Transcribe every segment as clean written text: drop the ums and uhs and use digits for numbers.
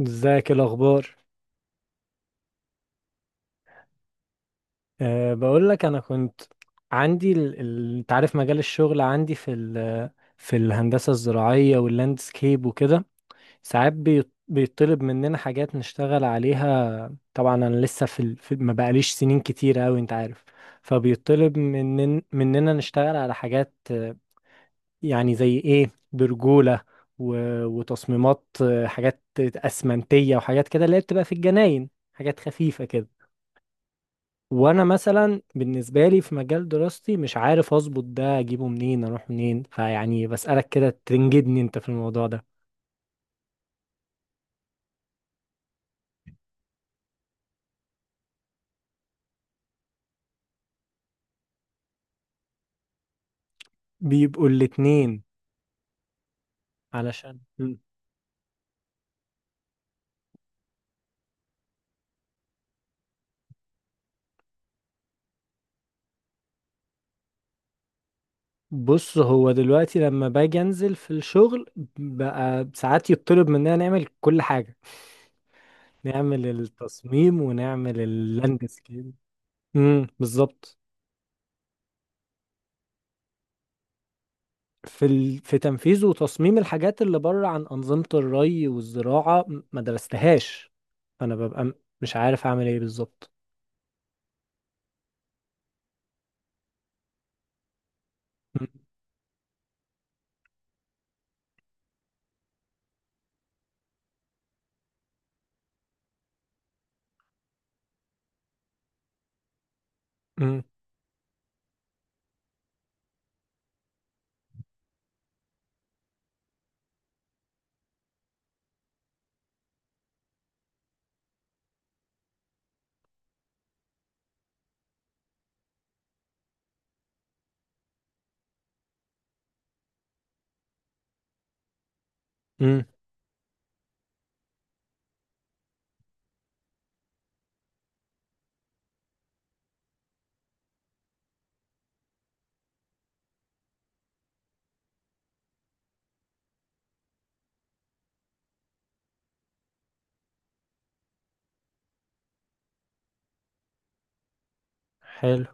ازيك؟ إيه الاخبار؟ أه، بقول لك انا كنت عندي انت عارف مجال الشغل عندي في الهندسه الزراعيه واللاندسكيب وكده. ساعات بيطلب مننا حاجات نشتغل عليها. طبعا انا لسه ما بقاليش سنين كتير قوي، انت عارف. فبيطلب مننا نشتغل على حاجات، يعني زي ايه، برجوله و... وتصميمات، حاجات اسمنتيه وحاجات كده اللي هي بتبقى في الجناين، حاجات خفيفه كده. وانا مثلا بالنسبه لي في مجال دراستي مش عارف اظبط ده، اجيبه منين اروح منين، فيعني بسالك كده تنجدني انت في الموضوع ده. بيبقوا الاتنين علشان بص هو دلوقتي لما باجي انزل في الشغل بقى ساعات يطلب مننا نعمل كل حاجه، نعمل التصميم ونعمل اللاندسكيب. بالظبط. في تنفيذ وتصميم الحاجات اللي بره عن أنظمة الري والزراعة، ما درستهاش. فأنا ببقى مش عارف أعمل إيه بالظبط. م- م- م. حلو.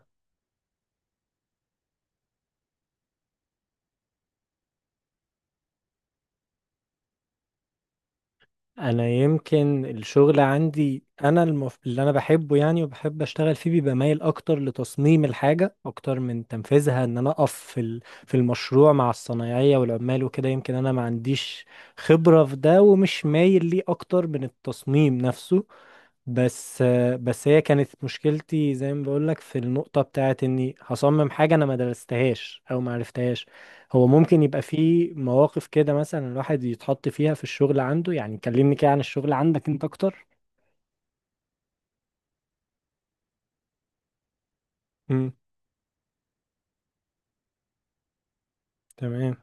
أنا يمكن الشغل عندي، أنا اللي أنا بحبه يعني، وبحب أشتغل فيه بيبقى مايل أكتر لتصميم الحاجة أكتر من تنفيذها، إن أنا أقف في المشروع مع الصنايعية والعمال وكده. يمكن أنا ما عنديش خبرة في ده، ومش مايل ليه أكتر من التصميم نفسه. بس بس هي كانت مشكلتي زي ما بقولك، في النقطة بتاعت اني هصمم حاجة انا ما درستهاش او ما عرفتهاش. هو ممكن يبقى في مواقف كده، مثلا الواحد يتحط فيها في الشغل عنده. يعني كلمني كده عن الشغل عندك انت اكتر. امم تمام.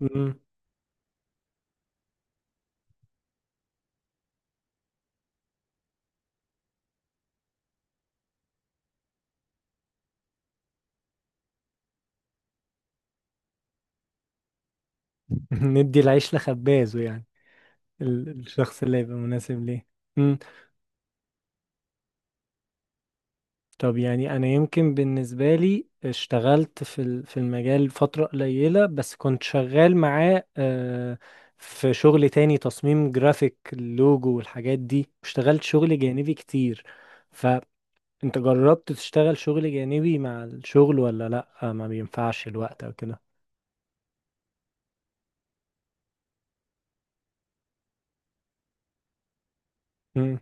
امم ندي العيش لخبازه يعني، الشخص اللي يبقى مناسب ليه. طب يعني انا يمكن بالنسبه لي اشتغلت في المجال فتره قليله، بس كنت شغال معاه. في شغل تاني تصميم جرافيك، اللوجو والحاجات دي، اشتغلت شغل جانبي كتير. فانت جربت تشتغل شغل جانبي مع الشغل ولا لا؟ ما بينفعش الوقت او كده؟ امم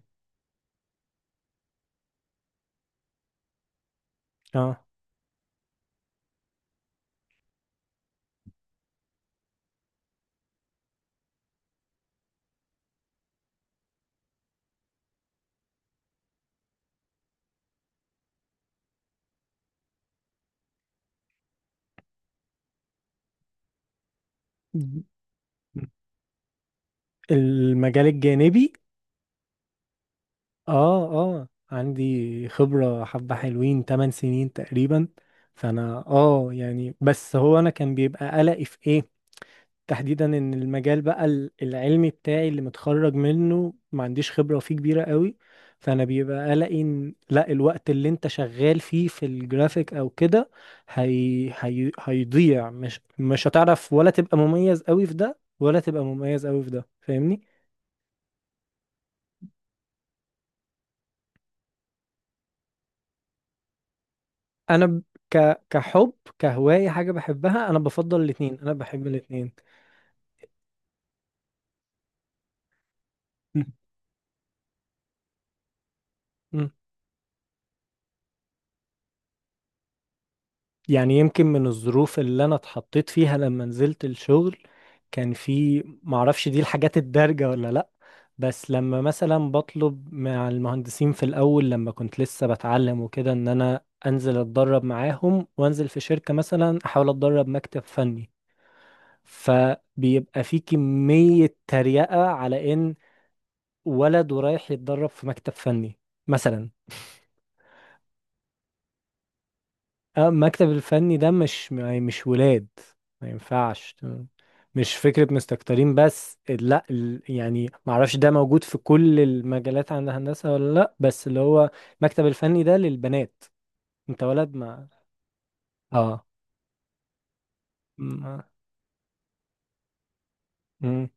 اه. المجال الجانبي. اه اه، عندي خبرة حبة حلوين، 8 سنين تقريبا. فانا يعني، بس هو انا كان بيبقى قلقي في ايه تحديدا، ان المجال بقى العلمي بتاعي اللي متخرج منه ما عنديش خبرة فيه كبيرة قوي. فانا بيبقى قلقي ان لا، الوقت اللي انت شغال فيه في الجرافيك او كده هيضيع، مش هتعرف، ولا تبقى مميز قوي في ده ولا تبقى مميز قوي في ده، فاهمني؟ انا كحب، كهواية، حاجة بحبها، انا بفضل الاتنين، انا بحب الاتنين. مم. يعني يمكن من الظروف اللي انا اتحطيت فيها لما نزلت الشغل، كان في، معرفش دي الحاجات الدارجة ولا لا، بس لما مثلا بطلب مع المهندسين في الاول لما كنت لسه بتعلم وكده، ان انا انزل اتدرب معاهم وانزل في شركة مثلا، احاول اتدرب مكتب فني، فبيبقى في كمية تريقة على ان ولد ورايح يتدرب في مكتب فني مثلا. المكتب الفني ده مش يعني مش ولاد، ما ينفعش. مش فكرة مستكترين، بس لا، يعني معرفش ده موجود في كل المجالات عند الهندسة ولا لا، بس اللي هو المكتب الفني ده للبنات، انت ولد ما. اه، ما- مم.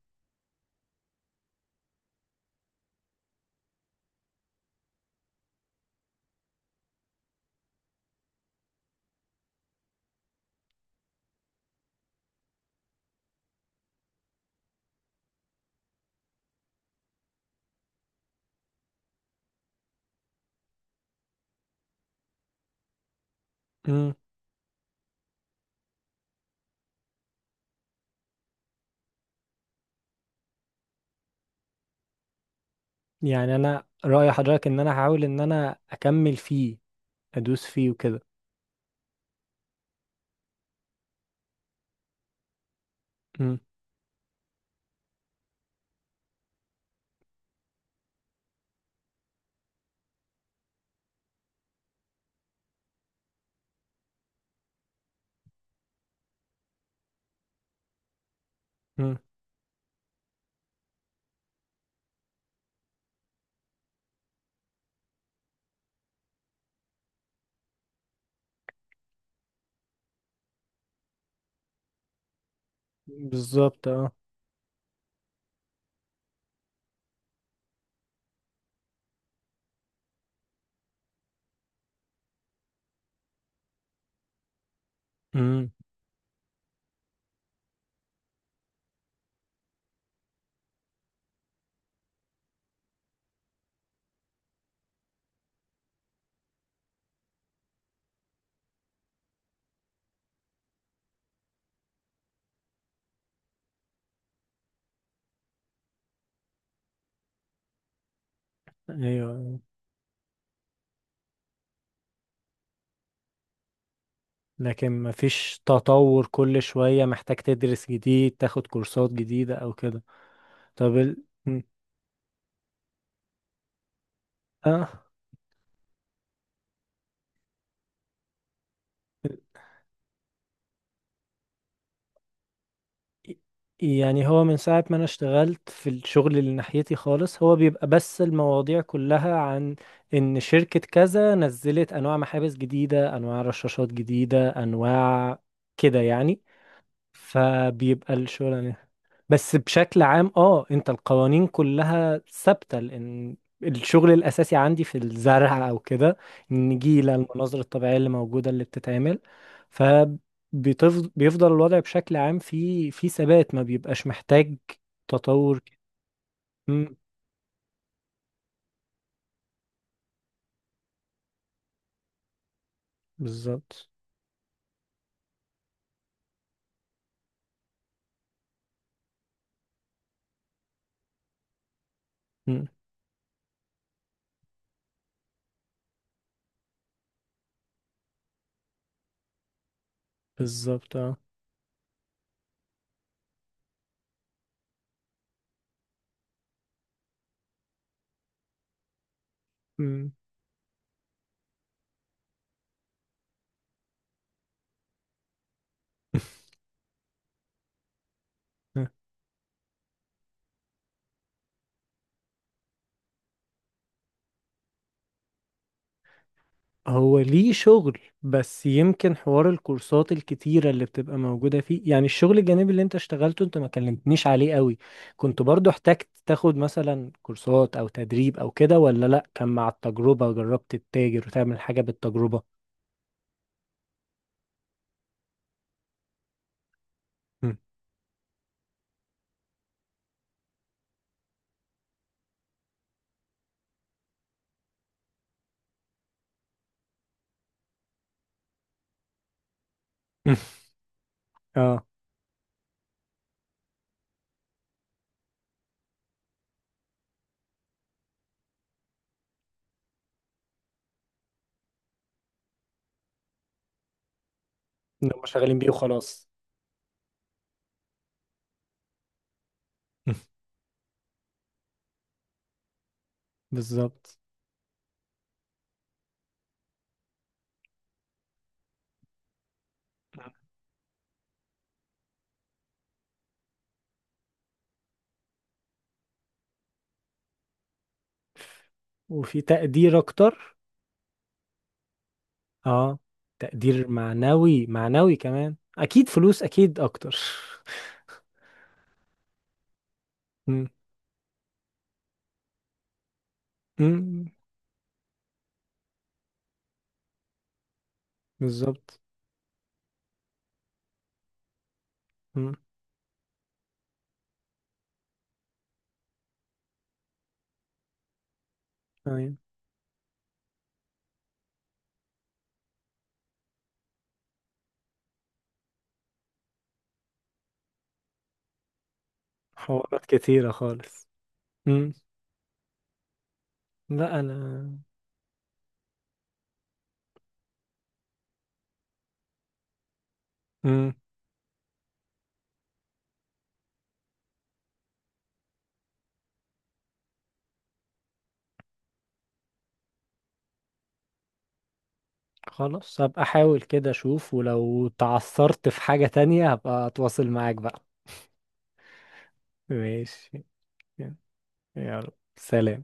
مم. يعني انا رأي حضرتك ان انا هحاول ان انا اكمل فيه، ادوس فيه وكده. مم. مم. بالظبط. اه. مم. ايوه. لكن مفيش تطور، كل شوية محتاج تدرس جديد، تاخد كورسات جديدة أو كده. طب ال... م. آه يعني هو من ساعة ما أنا اشتغلت في الشغل اللي ناحيتي خالص، هو بيبقى بس المواضيع كلها عن إن شركة كذا نزلت أنواع محابس جديدة، أنواع رشاشات جديدة، أنواع كده يعني. فبيبقى الشغل بس بشكل عام، انت، القوانين كلها ثابتة لان الشغل الاساسي عندي في الزرع او كده، النجيلة، المناظر الطبيعية اللي موجودة اللي بتتعمل. فبيفضل الوضع بشكل عام في ثبات، ما بيبقاش محتاج تطور مم، بالظبط. مم، بالظبط. اه. مم. هو ليه شغل، بس يمكن حوار الكورسات الكتيرة اللي بتبقى موجودة فيه. يعني الشغل الجانبي اللي انت اشتغلته انت ما كلمتنيش عليه قوي، كنت برضو احتجت تاخد مثلا كورسات او تدريب او كده ولا لا؟ كان مع التجربة، جربت تتاجر وتعمل حاجة بالتجربة؟ مم. اه. إن هم شغالين بيه وخلاص. مم. بالظبط. وفي تقدير اكتر؟ اه، تقدير معنوي، معنوي كمان اكيد، فلوس اكيد اكتر. مم. مم. بالظبط. مم. أيوة. حوارات كتيرة خالص. مم. لا أنا. مم. خلاص، هبقى أحاول كده أشوف، ولو تعثرت في حاجة تانية هبقى أتواصل معاك بقى. ماشي. يلا. سلام.